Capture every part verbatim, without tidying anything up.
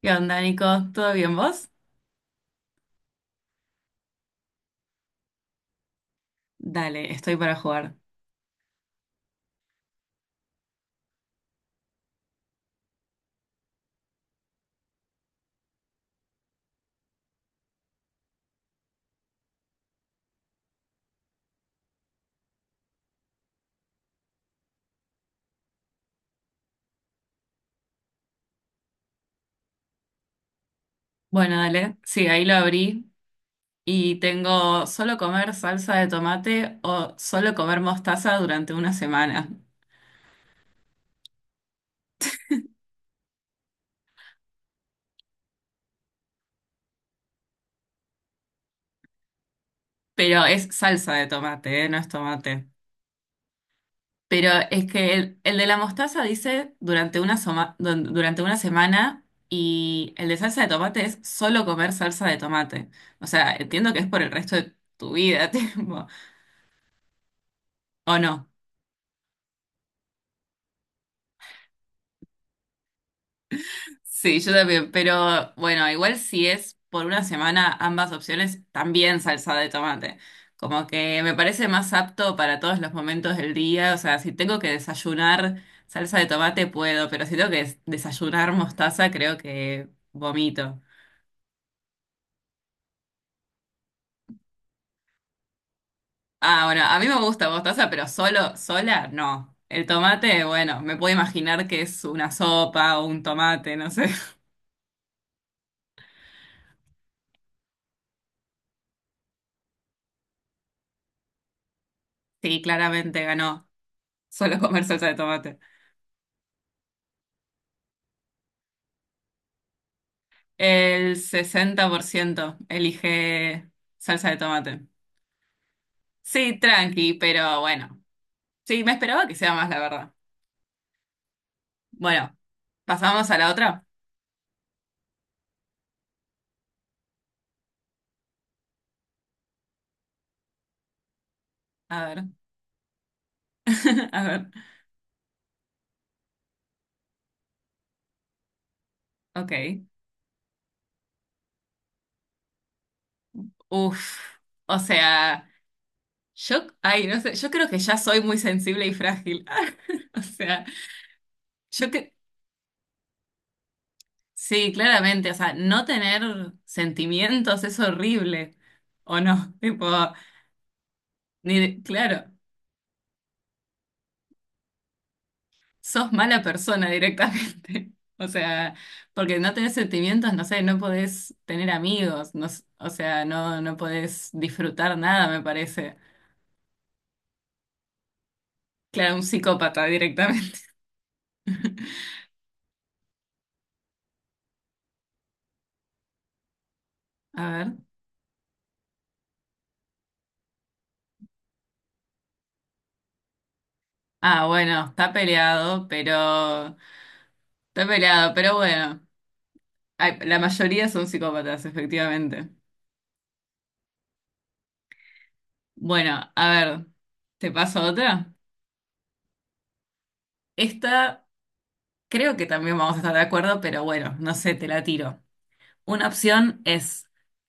¿Qué onda, Nico? ¿Todo bien vos? Dale, estoy para jugar. Bueno, dale. Sí, ahí lo abrí y tengo solo comer salsa de tomate o solo comer mostaza durante una semana. Pero es salsa de tomate, ¿eh? No es tomate. Pero es que el, el de la mostaza dice durante una, soma- dun- durante una semana y el de salsa de tomate es solo comer salsa de tomate. O sea, entiendo que es por el resto de tu vida, tipo, ¿o no? Sí, yo también, pero bueno, igual si es por una semana ambas opciones, también salsa de tomate. Como que me parece más apto para todos los momentos del día, o sea, si tengo que desayunar salsa de tomate puedo, pero si tengo que des- desayunar mostaza creo que vomito. Ah, bueno, a mí me gusta mostaza, pero solo, sola, no. El tomate, bueno, me puedo imaginar que es una sopa o un tomate, no sé. Sí, claramente ganó solo comer salsa de tomate. El sesenta por ciento elige salsa de tomate. Sí, tranqui, pero bueno. Sí, me esperaba que sea más, la verdad. Bueno, pasamos a la otra. A ver. A ver. Ok. Uf. O sea, yo, ay, no sé, yo creo que ya soy muy sensible y frágil. O sea, yo que, sí, claramente, o sea, no tener sentimientos es horrible. ¿O no? Tipo, ni, claro. Sos mala persona directamente. O sea, porque no tenés sentimientos, no sé, no podés tener amigos, no, s- o sea, no, no podés disfrutar nada, me parece. Claro, un psicópata directamente. A ver. Ah, bueno, está peleado, pero. Está peleado, pero bueno. Ay, la mayoría son psicópatas, efectivamente. Bueno, a ver, ¿te paso otra? Esta creo que también vamos a estar de acuerdo, pero bueno, no sé, te la tiro. Una opción es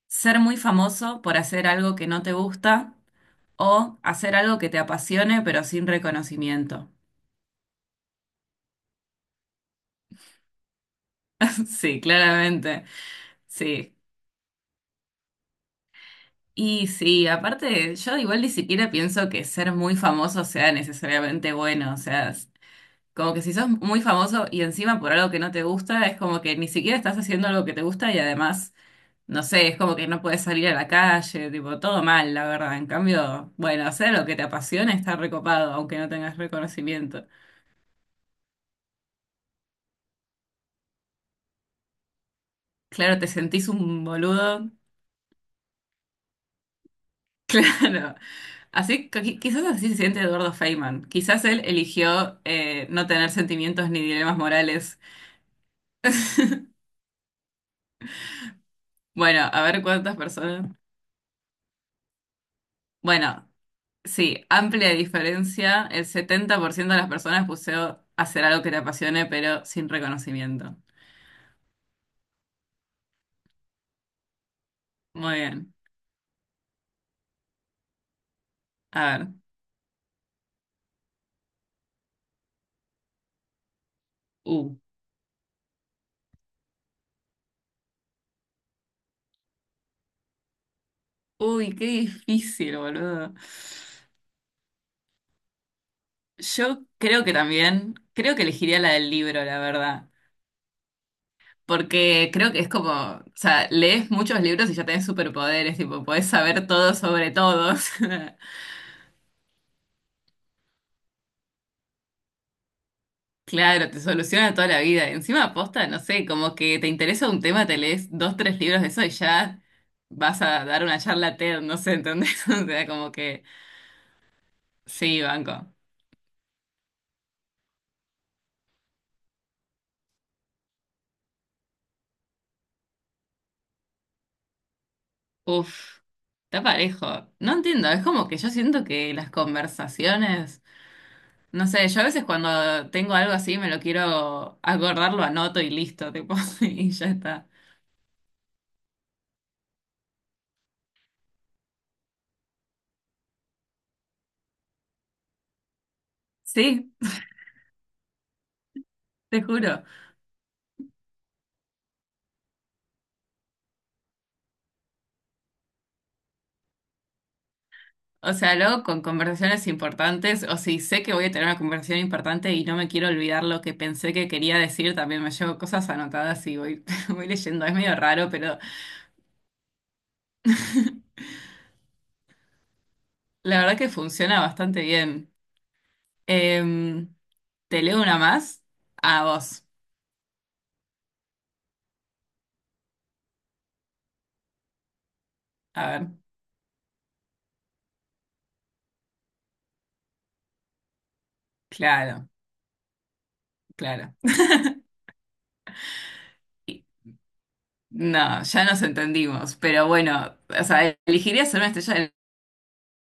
ser muy famoso por hacer algo que no te gusta o hacer algo que te apasione pero sin reconocimiento. Sí, claramente. Sí. Y sí, aparte, yo igual ni siquiera pienso que ser muy famoso sea necesariamente bueno. O sea, es como que si sos muy famoso y encima por algo que no te gusta, es como que ni siquiera estás haciendo algo que te gusta y además. No sé, es como que no puedes salir a la calle, tipo, todo mal, la verdad. En cambio, bueno, hacer lo que te apasiona está recopado, aunque no tengas reconocimiento. Claro, te sentís un boludo. Claro. Así, qui- quizás así se siente Eduardo Feynman. Quizás él eligió eh, no tener sentimientos ni dilemas morales. Bueno, a ver cuántas personas. Bueno, sí, amplia diferencia. El setenta por ciento de las personas puso hacer algo que te apasione, pero sin reconocimiento. Muy bien. A ver. Uh, uy, qué difícil, boludo. Yo creo que también, creo que elegiría la del libro, la verdad. Porque creo que es como, o sea, lees muchos libros y ya tenés superpoderes, tipo, podés saber todo sobre todos. Claro, te soluciona toda la vida. Encima, aposta, no sé, como que te interesa un tema, te lees dos, tres libros de eso y ya vas a dar una charla TED, no sé, ¿entendés? O sea, como que sí, banco. Uf, está parejo. No entiendo, es como que yo siento que las conversaciones, no sé, yo a veces cuando tengo algo así me lo quiero acordar, lo anoto y listo, tipo, y ya está. Sí, te juro. O sea, luego con conversaciones importantes, o si sé que voy a tener una conversación importante y no me quiero olvidar lo que pensé que quería decir, también me llevo cosas anotadas y voy, voy leyendo. Es medio raro, pero la verdad que funciona bastante bien. Em, ¿te leo una más? A vos. A ver, claro, claro. No, ya nos entendimos, pero bueno, o sea, elegiría ser una estrella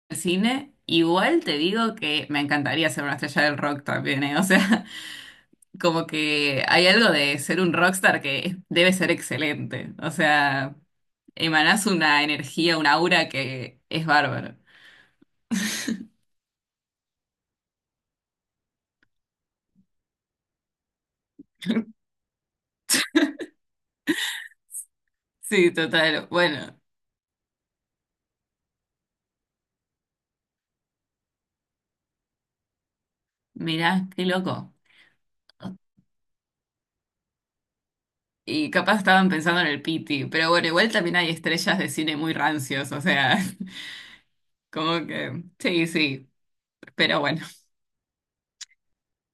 del cine. Igual te digo que me encantaría ser una estrella del rock también, ¿eh? O sea, como que hay algo de ser un rockstar que debe ser excelente. O sea, emanás una energía, un aura que es bárbaro. Sí, total. Bueno, mirá, qué loco. Y capaz estaban pensando en el Piti, pero bueno, igual también hay estrellas de cine muy rancios, o sea. Como que, sí, sí, pero bueno.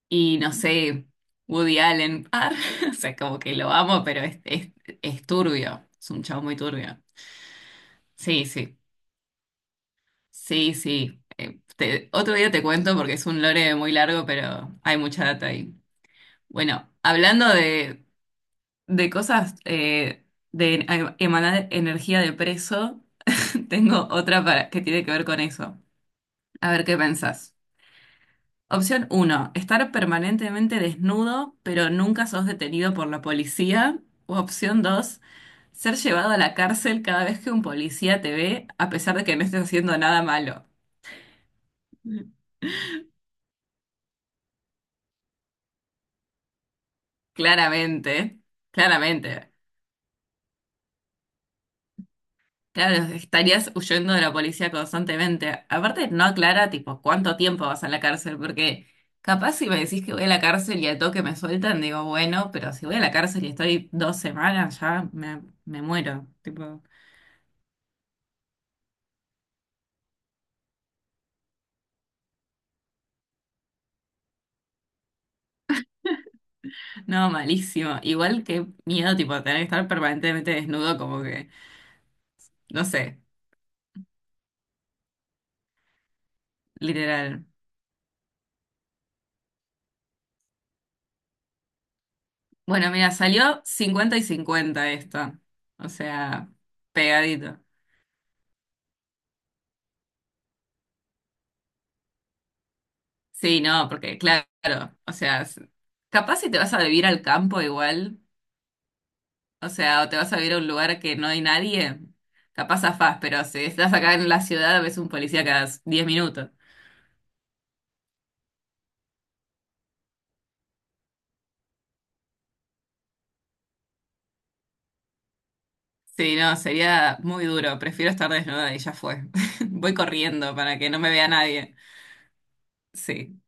Y no sé, Woody Allen, ar, o sea, como que lo amo, pero es, es, es, turbio, es un chavo muy turbio. Sí, sí, sí, sí. Eh, te- otro día te cuento porque es un lore muy largo, pero hay mucha data ahí. Bueno, hablando de, de cosas eh, de em- emanar energía de preso, tengo otra para, que tiene que ver con eso. A ver qué pensás. Opción uno: estar permanentemente desnudo, pero nunca sos detenido por la policía. O opción dos: ser llevado a la cárcel cada vez que un policía te ve, a pesar de que no estés haciendo nada malo. Claramente, claramente. Claro, estarías huyendo de la policía constantemente. Aparte, no aclara, tipo, cuánto tiempo vas a la cárcel, porque capaz si me decís que voy a la cárcel y al toque me sueltan, digo, bueno, pero si voy a la cárcel y estoy dos semanas, ya me, me muero. Tipo. No, malísimo. Igual que miedo, tipo, tener que estar permanentemente desnudo, como que, no sé, literal. Bueno, mira, salió cincuenta y cincuenta esto. O sea, pegadito. Sí, no, porque claro, o sea, s- capaz si te vas a vivir al campo igual, o sea, o te vas a vivir a un lugar que no hay nadie, capaz afás, pero si estás acá en la ciudad ves un policía cada s- diez minutos. Sí, no, sería muy duro. Prefiero estar desnuda y ya fue. Voy corriendo para que no me vea nadie. Sí.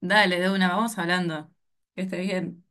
Dale, de una, vamos hablando. Que esté bien.